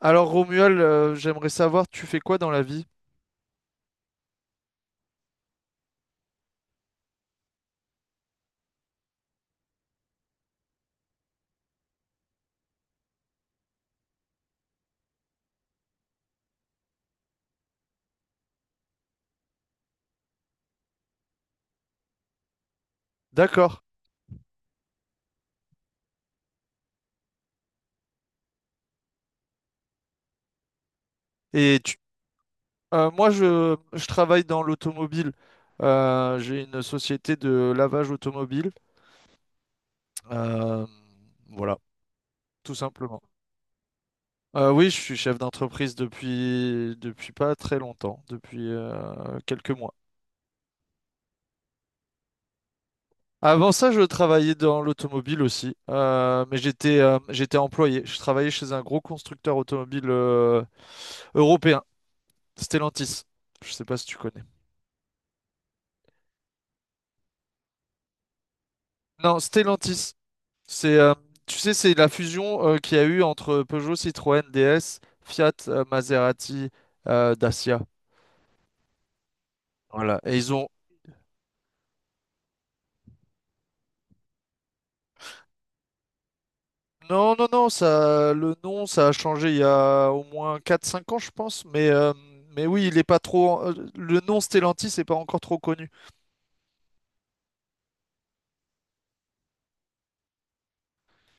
Alors Romuald, j'aimerais savoir, tu fais quoi dans la vie? D'accord. Et tu- moi, je travaille dans l'automobile. J'ai une société de lavage automobile. Euh, voilà, tout simplement. Oui, je suis chef d'entreprise depuis pas très longtemps, depuis quelques mois. Avant ça, je travaillais dans l'automobile aussi, mais j'étais employé. Je travaillais chez un gros constructeur automobile européen, Stellantis. Je sais pas si tu connais. Non, Stellantis. C'est, tu sais, c'est la fusion qu'il y a eu entre Peugeot, Citroën, DS, Fiat, Maserati, Dacia. Voilà. Et ils ont. Non, non, non, ça, le nom, ça a changé il y a au moins quatre cinq ans, je pense. Mais oui, il est pas trop. Le nom Stellantis n'est pas encore trop connu.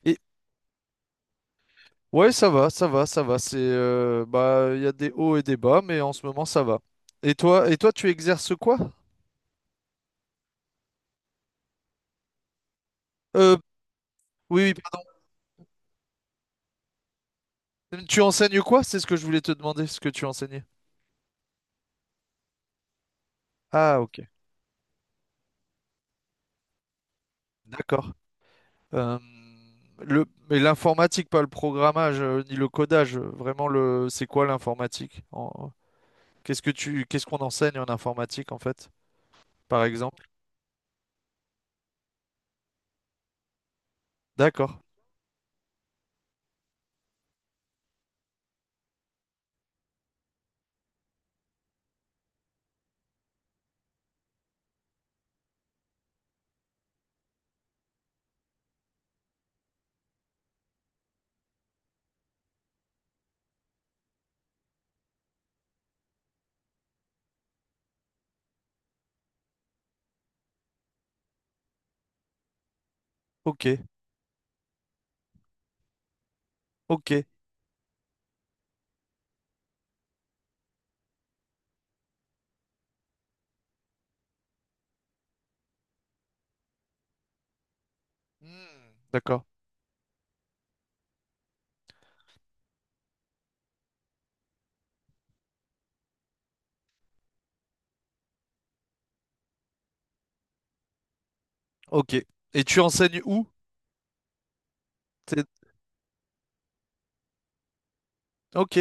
Et ouais, ça va, ça va, ça va. C'est, bah, il y a des hauts et des bas, mais en ce moment, ça va. Et toi, tu exerces quoi? Euh, oui, oui. Tu enseignes quoi? C'est ce que je voulais te demander, ce que tu enseignais. Ah, ok, d'accord. Euh, mais l'informatique, pas le programmage, ni le codage, vraiment le, c'est quoi l'informatique? Qu'est-ce qu'on enseigne en informatique, en fait, par exemple? D'accord, ok, ok. Hmm, d'accord, ok. Et tu enseignes où? T'es- Ok,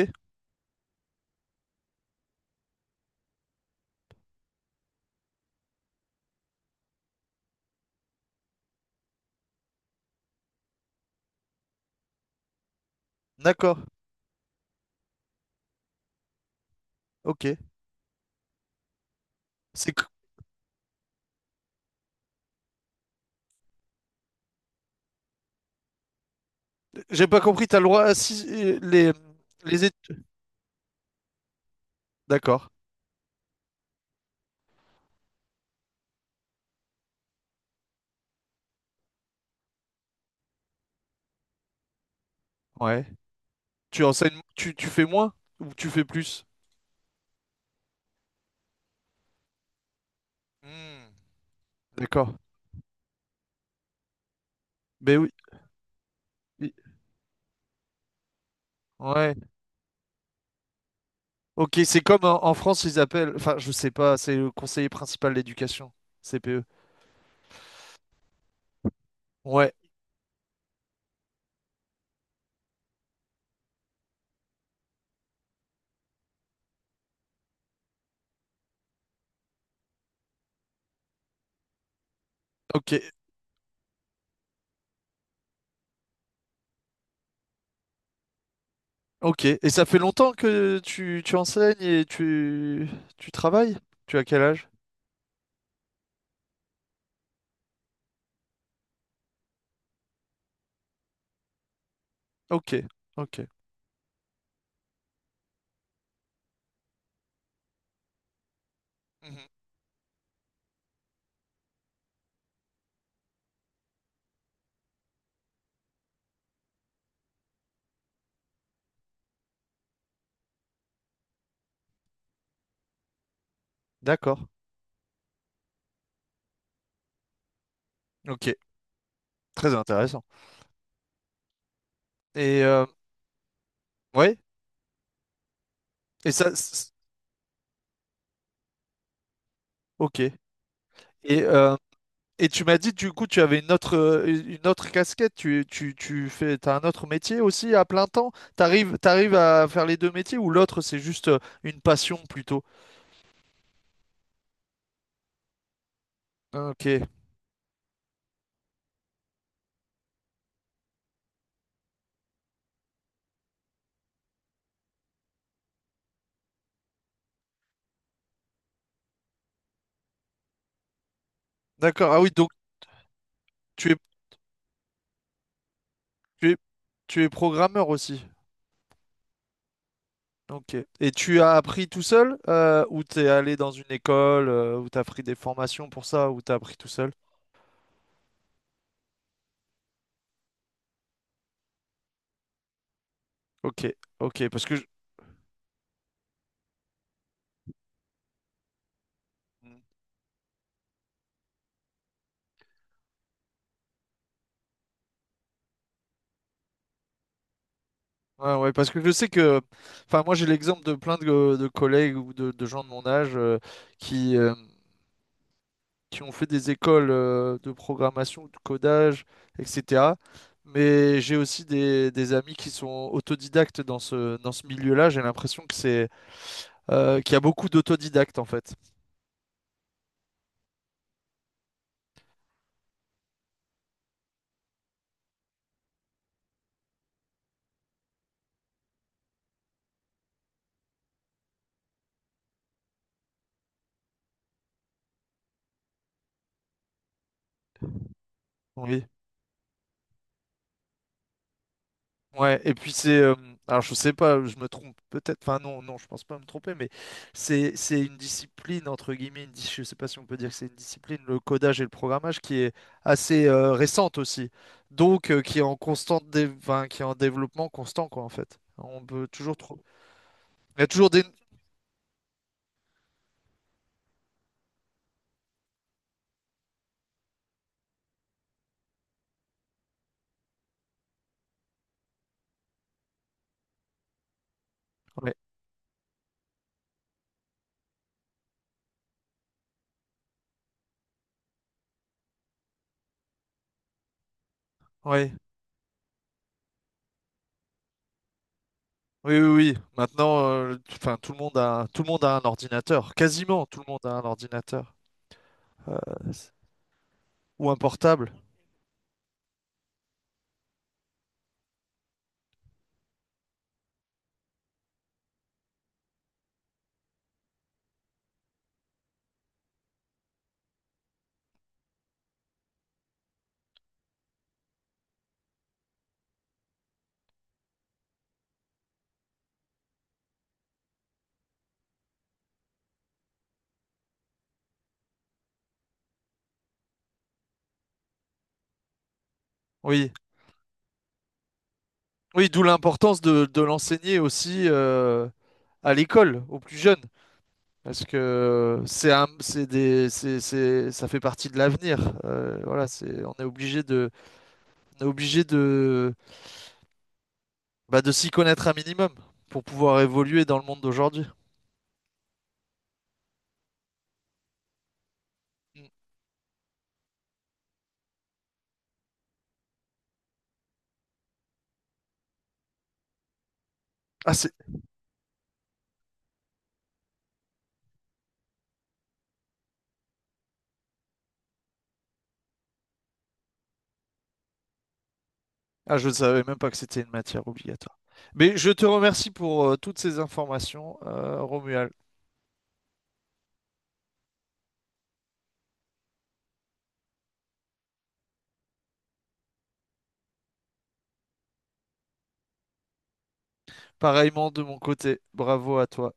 d'accord, ok. C'est, que- j'ai pas compris, t'as le droit à les études. D'accord, ouais. Tu enseignes, tu fais moins ou tu fais plus? Hmm, d'accord. Ben oui. Oui. Ouais. Ok, c'est comme en France, ils appellent, enfin, je sais pas, c'est le conseiller principal d'éducation, CPE. Ouais, ok, ok. Et ça fait longtemps que tu enseignes et tu travailles? Tu as quel âge? Ok, ok. Mhm. D'accord. Ok, très intéressant. Et ouais, et ça, c- ok. Et euh, Et tu m'as dit, du coup, tu avais une autre casquette, t'as un autre métier aussi à plein temps? T'arrives à faire les deux métiers ou l'autre, c'est juste une passion plutôt? Ok, d'accord. Ah oui, donc tu es, tu es, tu es programmeur aussi. Ok. Et tu as appris tout seul ou t'es allé dans une école ou t'as pris des formations pour ça ou t'as appris tout seul? Ok, ok, je- Ouais, ouais, parce que je sais que, enfin, moi j'ai l'exemple de plein de collègues ou de gens de mon âge qui, euh, qui ont fait des écoles de programmation, ou de codage, etc. Mais j'ai aussi des amis qui sont autodidactes dans ce milieu-là. J'ai l'impression qu'il y a beaucoup d'autodidactes en fait. Oui. Ouais, et puis c'est alors je sais pas, je me trompe peut-être, enfin non, non, je pense pas me tromper, mais c'est une discipline entre guillemets, je sais pas si on peut dire que c'est une discipline, le codage et le programmage qui est assez récente aussi. Donc qui est enfin, qui est en développement constant quoi en fait. On peut toujours trouver. Il y a toujours des. Ouais, ouais, oui, oui, oui. Maintenant, enfin, tout le monde a un ordinateur. Quasiment tout le monde a un ordinateur. Euh, c'est- Ou un portable. Oui. Oui, d'où l'importance de l'enseigner aussi à l'école, aux plus jeunes, parce que c'est un- c'est des, c'est- ça fait partie de l'avenir. Voilà, on est obligé de, bah, de s'y connaître un minimum pour pouvoir évoluer dans le monde d'aujourd'hui. Mm. Ah, c'est, ah, je ne savais même pas que c'était une matière obligatoire. Mais je te remercie pour toutes ces informations, Romuald. Pareillement de mon côté, bravo à toi.